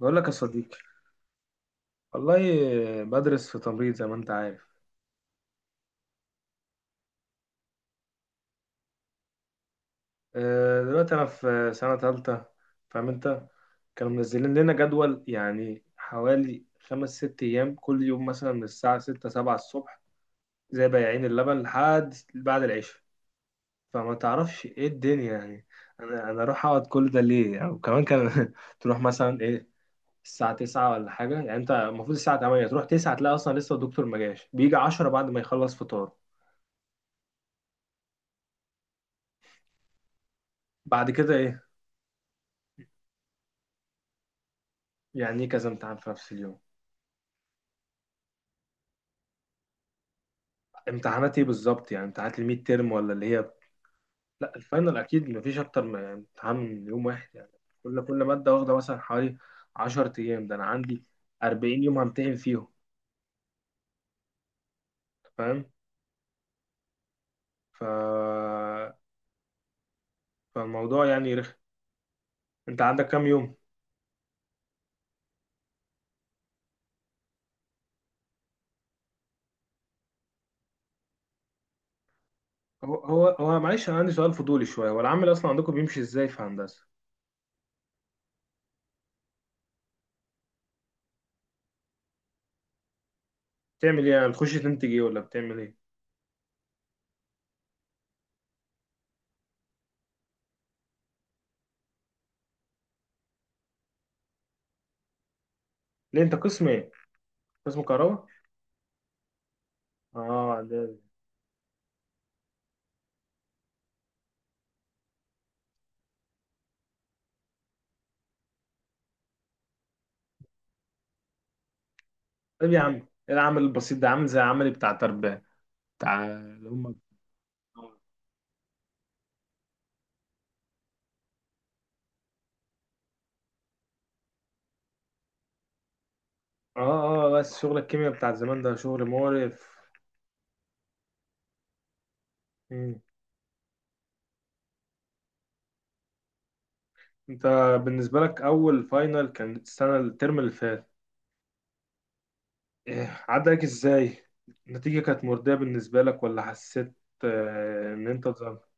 بقول لك يا صديقي، والله بدرس في تمريض زي ما انت عارف. دلوقتي انا في سنة تالتة. فاهم انت؟ كانوا منزلين لنا جدول، يعني حوالي خمس ست ايام، كل يوم مثلا من الساعة ستة سبعة الصبح، زي بياعين اللبن لحد بعد العشاء. فما تعرفش ايه الدنيا يعني. انا اروح اقعد كل ده ليه يعني؟ وكمان كان تروح مثلا ايه الساعة تسعة ولا حاجة، يعني انت المفروض الساعة تمانية تروح، تسعة تلاقي اصلا لسه الدكتور ما جاش، بيجي عشرة بعد ما يخلص فطار. بعد كده إيه؟ يعني ايه كذا امتحان في نفس اليوم؟ امتحانات ايه بالظبط؟ يعني امتحانات الميد تيرم ولا اللي هي... لا الفاينل اكيد مفيش اكتر من امتحان من يوم واحد يعني. كل ماده واخده مثلا حوالي 10 ايام. ده انا عندي 40 يوم همتحن فيهم. فاهم؟ ف فالموضوع يعني رخم. انت عندك كام يوم؟ هو معلش انا عندي سؤال فضولي شويه، هو العمل اصلا عندكم بيمشي ازاي في هندسه؟ بتعمل ايه يعني؟ بتخش تنتج ايه ولا بتعمل ايه؟ ليه انت قسم ايه؟ قسم كهرباء؟ اه ده... طيب يا عم، ايه العمل البسيط ده؟ عامل زي عملي بتاع تربية، بتاع اللي هم... اه، اه. بس شغل الكيمياء بتاع زمان ده شغل مقرف. مم. انت بالنسبة لك اول فاينل كان السنة الترم اللي فات؟ إيه عدى لك ازاي؟ النتيجة كانت مرضية بالنسبة لك، ولا حسيت ان انت اتظلمت؟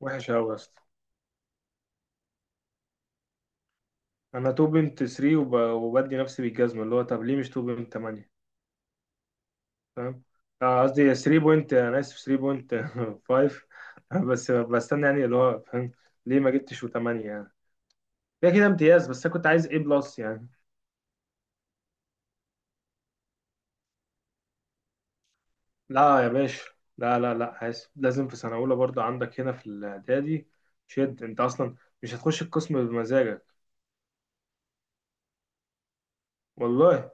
وحش اوي يا اسطى. انا تو بوينت 3، وبدي نفسي بالجزمة اللي هو طب ليه مش تو بوينت 8؟ فاهم؟ قصدي 3 بوينت، انا اسف، 3 بوينت 5. بس بستنى يعني اللي هو فاهم، ليه ما جبتش و8 يعني. كده كده امتياز، بس انا كنت عايز ايه بلس يعني. لا يا باشا، لا لا لا، عايز لازم في سنه اولى برضو عندك هنا في الاعدادي. شد انت اصلا، مش هتخش القسم بمزاجك. والله.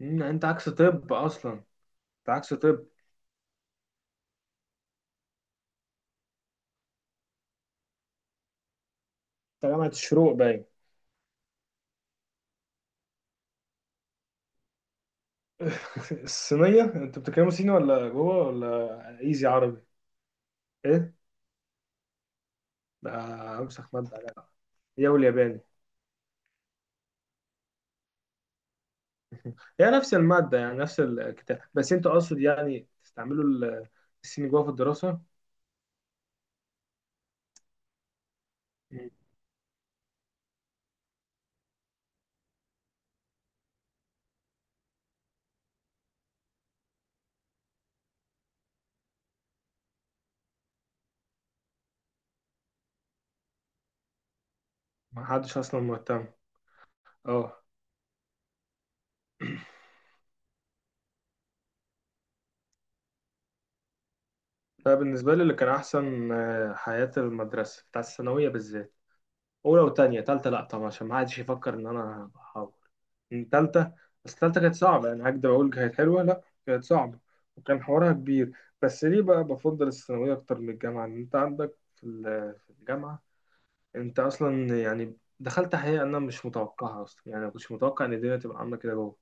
إن انت عكس طب اصلا، انت عكس طب انت. جامعه الشروق باين. الصينيه انت بتتكلموا صيني ولا جوه ولا ايزي عربي؟ ايه ده؟ امسخ ماده عليها. هي والياباني هي نفس الماده يعني، نفس الكتاب، بس انت اقصد يعني تستعملوا الصيني جوه في الدراسه. مم. ما حدش اصلا مهتم. اه. فبالنسبة لي اللي كان أحسن حياة المدرسة، بتاع الثانوية بالذات. أولى وتانية، تالتة لأ طبعا، عشان ما حدش يفكر إن أنا بحاول من تالتة. بس تالتة كانت صعبة يعني، هكدب أقول كانت حلوة؟ لأ كانت صعبة وكان حوارها كبير. بس ليه بقى بفضل الثانوية أكتر من الجامعة؟ إن أنت عندك في في الجامعة، أنت أصلا يعني دخلت، حقيقة أنا مش متوقعها أصلا يعني، ما كنتش متوقع إن الدنيا تبقى عاملة كده جوه.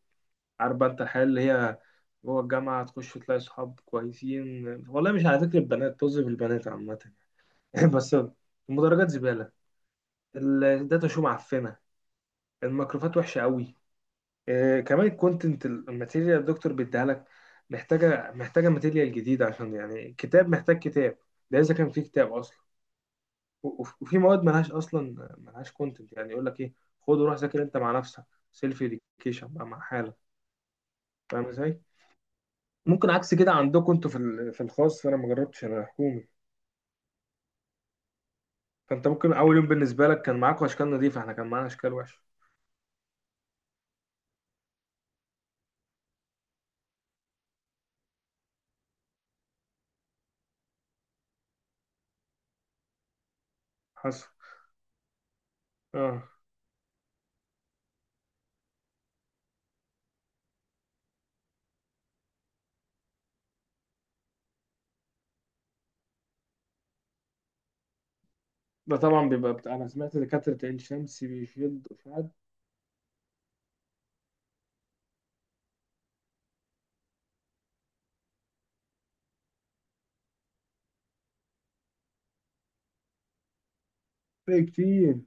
عارف بقى انت الحياة اللي هي جوه الجامعة؟ تخش تلاقي صحاب كويسين، والله مش على ذكر البنات، طز في البنات عامة. بس المدرجات زبالة، الداتا شو معفنة، الميكروفات وحشة قوي. آه، كمان الكونتنت، الماتيريال الدكتور بيديها لك محتاجة ماتيريال جديدة، عشان يعني كتاب، محتاج كتاب. ده إذا كان في كتاب أصلا. وفي مواد ملهاش أصلا، ملهاش كونتنت يعني. يقول لك إيه؟ خد وروح ذاكر أنت مع نفسك، سيلف إديوكيشن بقى مع حالك. فاهم إزاي؟ ممكن عكس كده عندكم انتوا في في الخاص، فانا ما جربتش، انا حكومي. فانت ممكن اول يوم بالنسبه لك كان معاكم اشكال نظيفه، احنا كان معانا اشكال وحشه. حصل. اه ده طبعا بيبقى بتاع، انا سمعت دكاتره عين شمس بيشدوا في حد. كتير.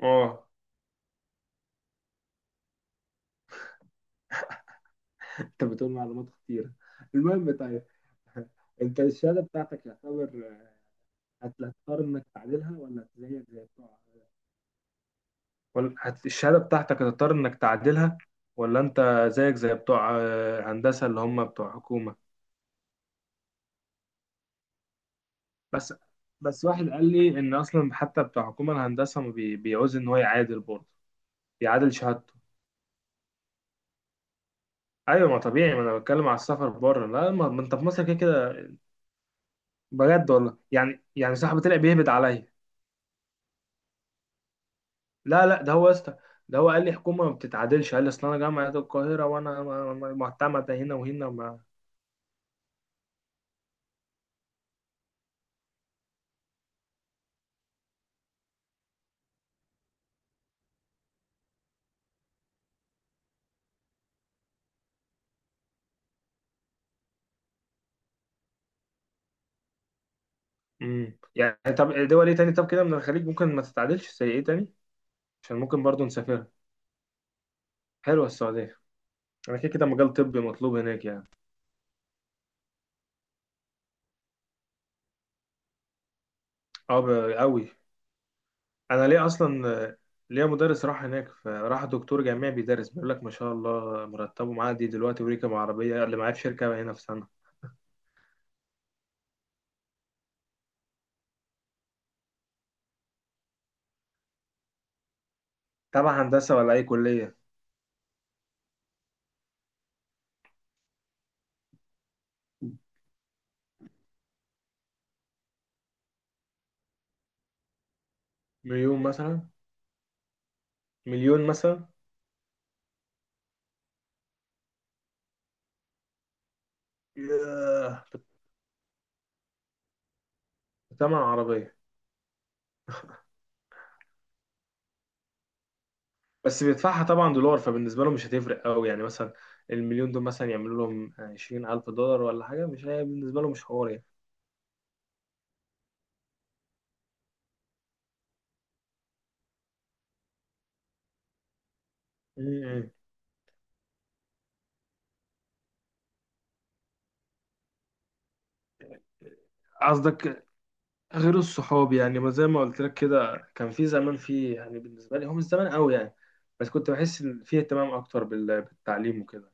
اه. انت بتقول معلومات كتيره. المهم، طيب. انت الشهاده بتاعتك يعتبر هتضطر انك تعدلها، ولا زيك زي بتوع... ولا الشهاده بتاعتك هتضطر انك تعدلها؟ ولا انت زيك زي بتوع هندسه اللي هم بتوع حكومه؟ بس واحد قال لي ان اصلا حتى بتاع حكومه الهندسه ما بيعوز ان هو يعادل برضه. يعادل شهادته. ايوه ما طبيعي، ما انا بتكلم على السفر بره، لا ما انت في مصر كده كده. بجد والله، يعني يعني صاحبي طلع بيهبد عليا. لا لا، ده هو يا اسطى، ده هو قال لي حكومه ما بتتعادلش. قال لي اصل انا جامعه القاهره وانا معتمده هنا وهنا ما... امم. يعني طب دول ايه تاني؟ طب كده من الخليج ممكن ما تتعادلش زي ايه تاني؟ عشان ممكن برضه نسافرها. حلوه السعوديه. انا كده كده مجال طبي مطلوب هناك يعني. اه، قوي. انا ليه اصلا ليا مدرس راح هناك، فراح دكتور جامعي بيدرس، بيقول لك ما شاء الله، مرتبه معدي دلوقتي وريكة عربيه اللي معاه في شركه هنا في سنه. تبع هندسه ولا اي كليه؟ مليون مثلا؟ مليون مثلا؟ ياه، بتمن عربيه. بس بيدفعها طبعا دولار، فبالنسبه له مش هتفرق قوي يعني. مثلا المليون دول مثلا يعملوا لهم 20,000 دولار ولا حاجة، مش هي بالنسبة له مش حوار يعني. م- م. قصدك غير الصحاب؟ يعني ما زي ما قلت لك كده، كان في زمان، في يعني بالنسبه لي هو مش زمان قوي يعني، بس كنت بحس ان في اهتمام اكتر بالتعليم وكده.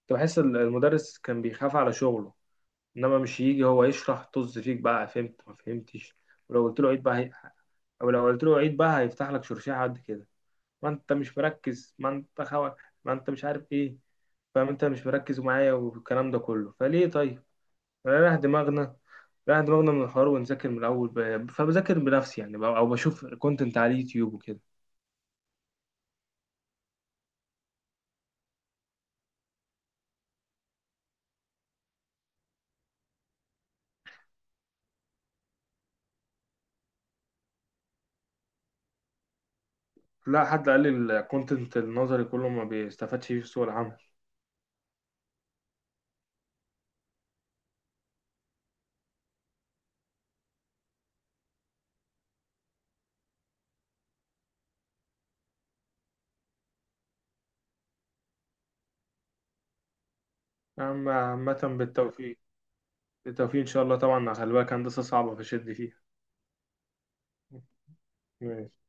كنت بحس المدرس كان بيخاف على شغله، انما مش يجي هو يشرح طز فيك بقى، فهمت ما فهمتش. ولو قلت له عيد بقى هي... او لو قلت له عيد بقى هيفتح لك شرشيحه قد كده. ما انت مش مركز، ما انت خوا، ما انت مش عارف ايه. فاهم انت مش مركز معايا، والكلام ده كله فليه طيب؟ رايح دماغنا، رايح دماغنا من الحوار، ونذاكر من الأول فبذاكر بنفسي يعني، أو بشوف كونتنت على اليوتيوب وكده. لا حد قال لي الكونتنت النظري كله ما بيستفادش فيه في سوق العمل. أما عامة بالتوفيق. بالتوفيق إن شاء الله، طبعا خلي بالك هندسة صعبة فشد فيها. ماشي